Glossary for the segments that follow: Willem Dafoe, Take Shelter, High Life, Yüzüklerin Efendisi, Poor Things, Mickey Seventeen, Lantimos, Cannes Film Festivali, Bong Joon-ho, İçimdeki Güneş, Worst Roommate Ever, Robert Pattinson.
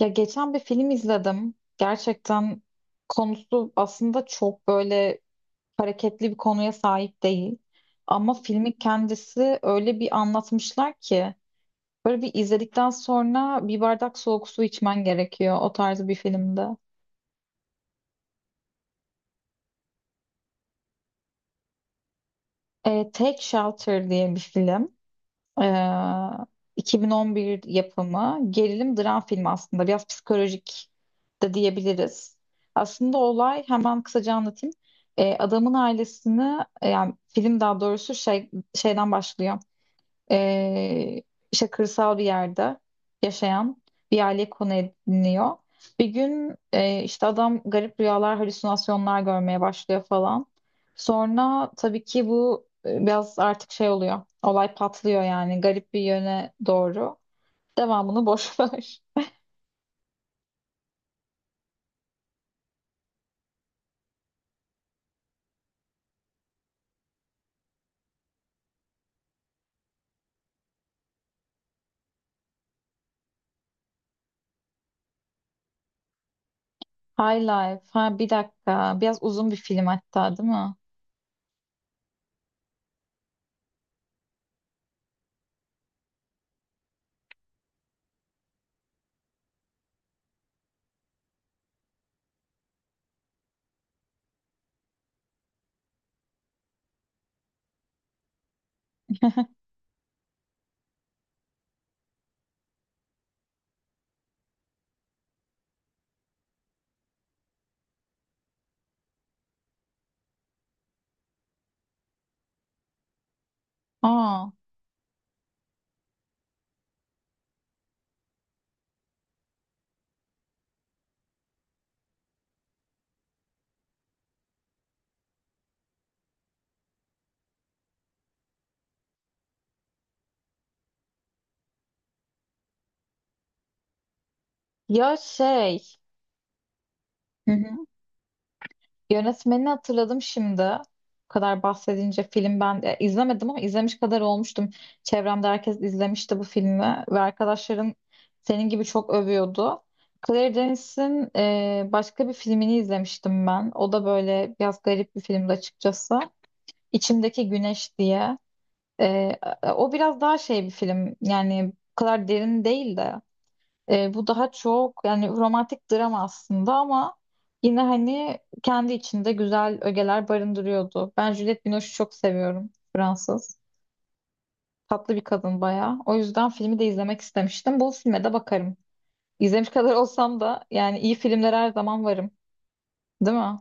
Ya geçen bir film izledim. Gerçekten konusu aslında çok böyle hareketli bir konuya sahip değil. Ama filmin kendisi öyle bir anlatmışlar ki böyle bir izledikten sonra bir bardak soğuk su içmen gerekiyor o tarz bir filmde. Take Shelter diye bir film. Ee, 2011 yapımı gerilim dram filmi aslında. Biraz psikolojik de diyebiliriz. Aslında olay hemen kısaca anlatayım. Adamın ailesini, yani film daha doğrusu şeyden başlıyor, e, işte kırsal bir yerde yaşayan bir aile konu ediniyor. Bir gün işte adam garip rüyalar, halüsinasyonlar görmeye başlıyor falan. Sonra tabii ki bu biraz artık şey oluyor. Olay patlıyor yani garip bir yöne doğru. Devamını boş ver. High Life. Ha, bir dakika. Biraz uzun bir film hatta, değil mi? Aa. Ya şey. Yönetmenini hatırladım şimdi. Bu kadar bahsedince film, ben izlemedim ama izlemiş kadar olmuştum. Çevremde herkes izlemişti bu filmi ve arkadaşların senin gibi çok övüyordu. Claire Denis'in başka bir filmini izlemiştim ben. O da böyle biraz garip bir filmdi açıkçası. İçimdeki Güneş diye. E, O biraz daha şey bir film. Yani bu kadar derin değil de. Bu daha çok yani romantik drama aslında, ama yine hani kendi içinde güzel ögeler barındırıyordu. Ben Juliette Binoche'u çok seviyorum. Fransız. Tatlı bir kadın bayağı. O yüzden filmi de izlemek istemiştim. Bu filme de bakarım. İzlemiş kadar olsam da yani iyi filmlere her zaman varım. Değil mi?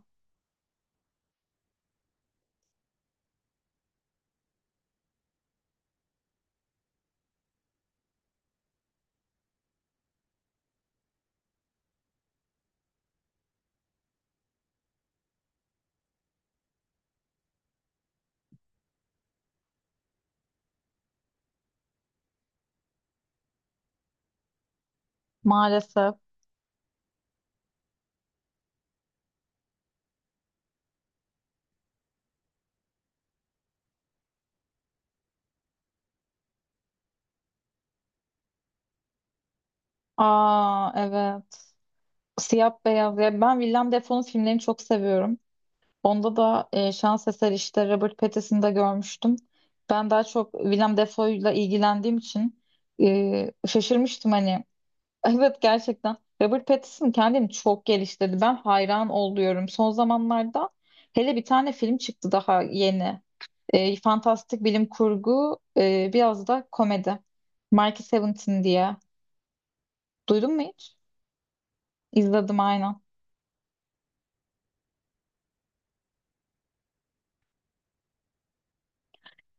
Maalesef. Aa, evet. Siyah beyaz. Ya ben Willem Dafoe'nun filmlerini çok seviyorum. Onda da şans eseri işte Robert Pattinson'ı da görmüştüm. Ben daha çok Willem Dafoe'yla ilgilendiğim için şaşırmıştım hani. Evet, gerçekten Robert Pattinson kendini çok geliştirdi. Ben hayran oluyorum. Son zamanlarda hele bir tane film çıktı daha yeni. Fantastik bilim kurgu, biraz da komedi. Mickey Seventeen diye. Duydun mu hiç? İzledim aynen.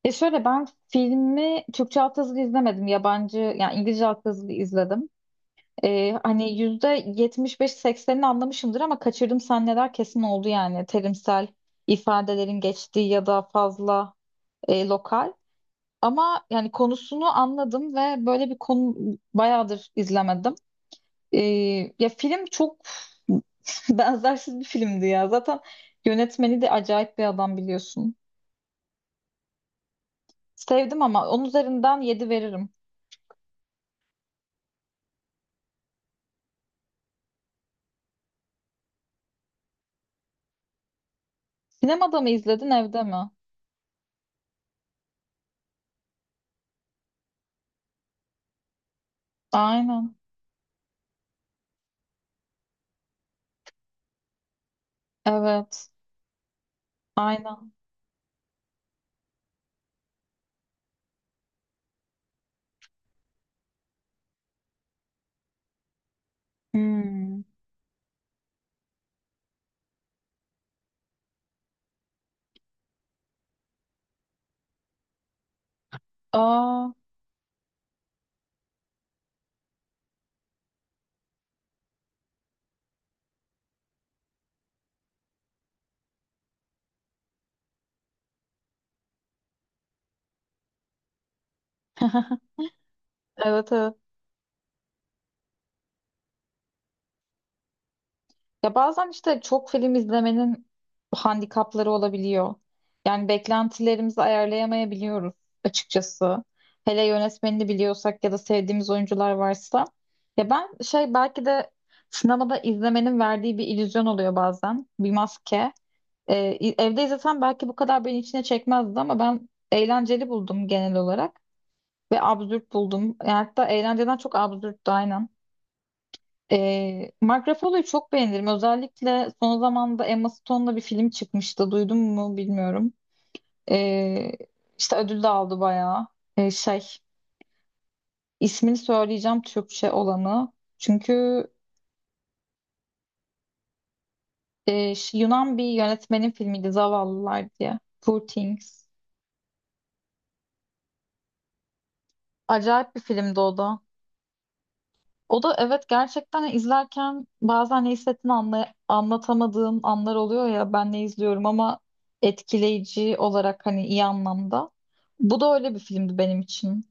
Şöyle, ben filmi Türkçe altyazılı izlemedim. Yabancı, yani İngilizce altyazılı izledim. Hani %75 80'ini anlamışımdır ama kaçırdım, sahneler kesin oldu yani terimsel ifadelerin geçtiği ya da fazla lokal. Ama yani konusunu anladım ve böyle bir konu bayağıdır izlemedim. Ee, Ya film çok benzersiz bir filmdi ya. Zaten yönetmeni de acayip bir adam, biliyorsun. Sevdim ama onun üzerinden yedi veririm. Sinemada mı izledin, evde mi? Aynen. Evet. Aynen. Hmm. Aa. Evet, evet. Ya bazen işte çok film izlemenin handikapları olabiliyor. Yani beklentilerimizi ayarlayamayabiliyoruz açıkçası. Hele yönetmenini biliyorsak ya da sevdiğimiz oyuncular varsa. Ya ben şey, belki de sinemada izlemenin verdiği bir illüzyon oluyor bazen. Bir maske. Evde izlesem belki bu kadar beni içine çekmezdi, ama ben eğlenceli buldum genel olarak. Ve absürt buldum. Yani hatta eğlenceden çok absürttü aynen. Mark Ruffalo'yu çok beğenirim. Özellikle son zamanda Emma Stone'la bir film çıkmıştı. Duydun mu bilmiyorum. Ee, işte ödül de aldı bayağı. Ee, şey, ismini söyleyeceğim Türkçe olanı. Çünkü Yunan bir yönetmenin filmiydi, Zavallılar diye. Poor Things. Acayip bir filmdi o da. O da, evet, gerçekten izlerken bazen ne hissettiğini anlatamadığım anlar oluyor, ya ben ne izliyorum, ama etkileyici olarak hani, iyi anlamda. Bu da öyle bir filmdi benim için.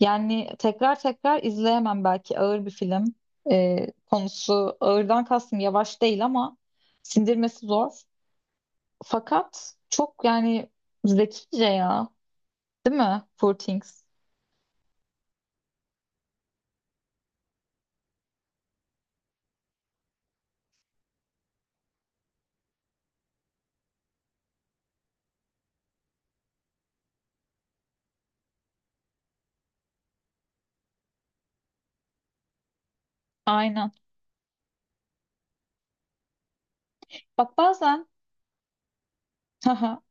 Yani tekrar tekrar izleyemem, belki ağır bir film. Konusu ağırdan kastım yavaş değil, ama sindirmesi zor. Fakat çok yani zekice ya. Değil mi? Poor Things. Aynen. Bak, bazen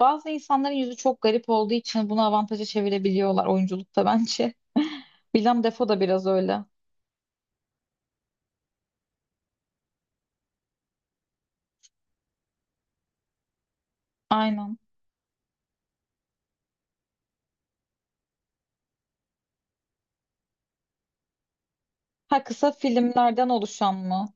bazı insanların yüzü çok garip olduğu için bunu avantaja çevirebiliyorlar oyunculukta, bence. Willem Dafoe da biraz öyle. Aynen. Ha, kısa filmlerden oluşan mı?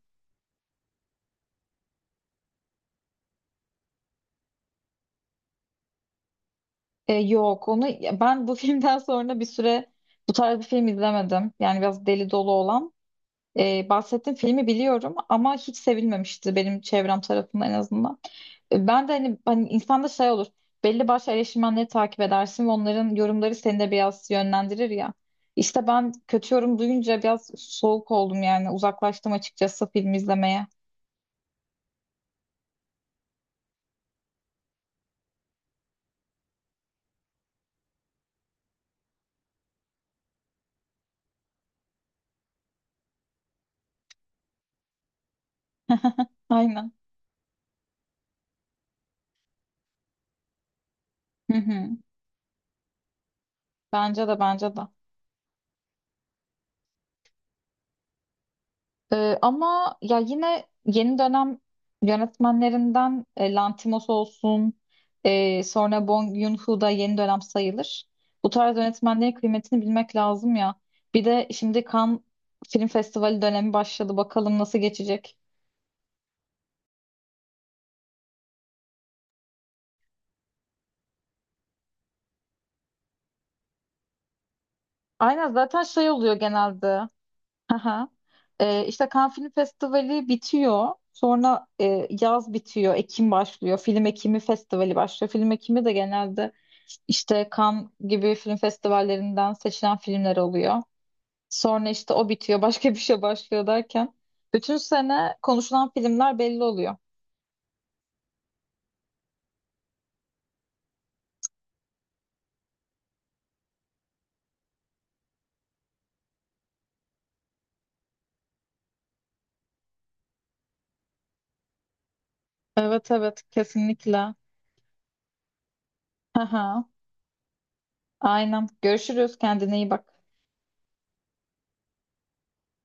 Yok, onu ben bu filmden sonra bir süre bu tarz bir film izlemedim. Yani biraz deli dolu olan. Bahsettiğim filmi biliyorum ama hiç sevilmemişti, benim çevrem tarafından en azından. Ben de hani, insanda şey olur. Belli başlı eleştirmenleri takip edersin ve onların yorumları seni de biraz yönlendirir ya. İşte ben kötü yorum duyunca biraz soğuk oldum, yani uzaklaştım açıkçası film izlemeye. Aynen. Hı hı. Bence de, bence de. Ama ya yine yeni dönem yönetmenlerinden, Lantimos olsun, sonra Bong Joon-ho da yeni dönem sayılır. Bu tarz yönetmenlerin kıymetini bilmek lazım ya. Bir de şimdi Cannes Film Festivali dönemi başladı. Bakalım nasıl geçecek. Aynen, zaten şey oluyor genelde. Aha. İşte Cannes Film Festivali bitiyor. Sonra yaz bitiyor. Ekim başlıyor. Film Ekimi Festivali başlıyor. Film Ekimi de genelde işte Cannes gibi film festivallerinden seçilen filmler oluyor. Sonra işte o bitiyor. Başka bir şey başlıyor derken. Bütün sene konuşulan filmler belli oluyor. Evet, evet, kesinlikle. Aha. Aynen. Görüşürüz. Kendine iyi bak.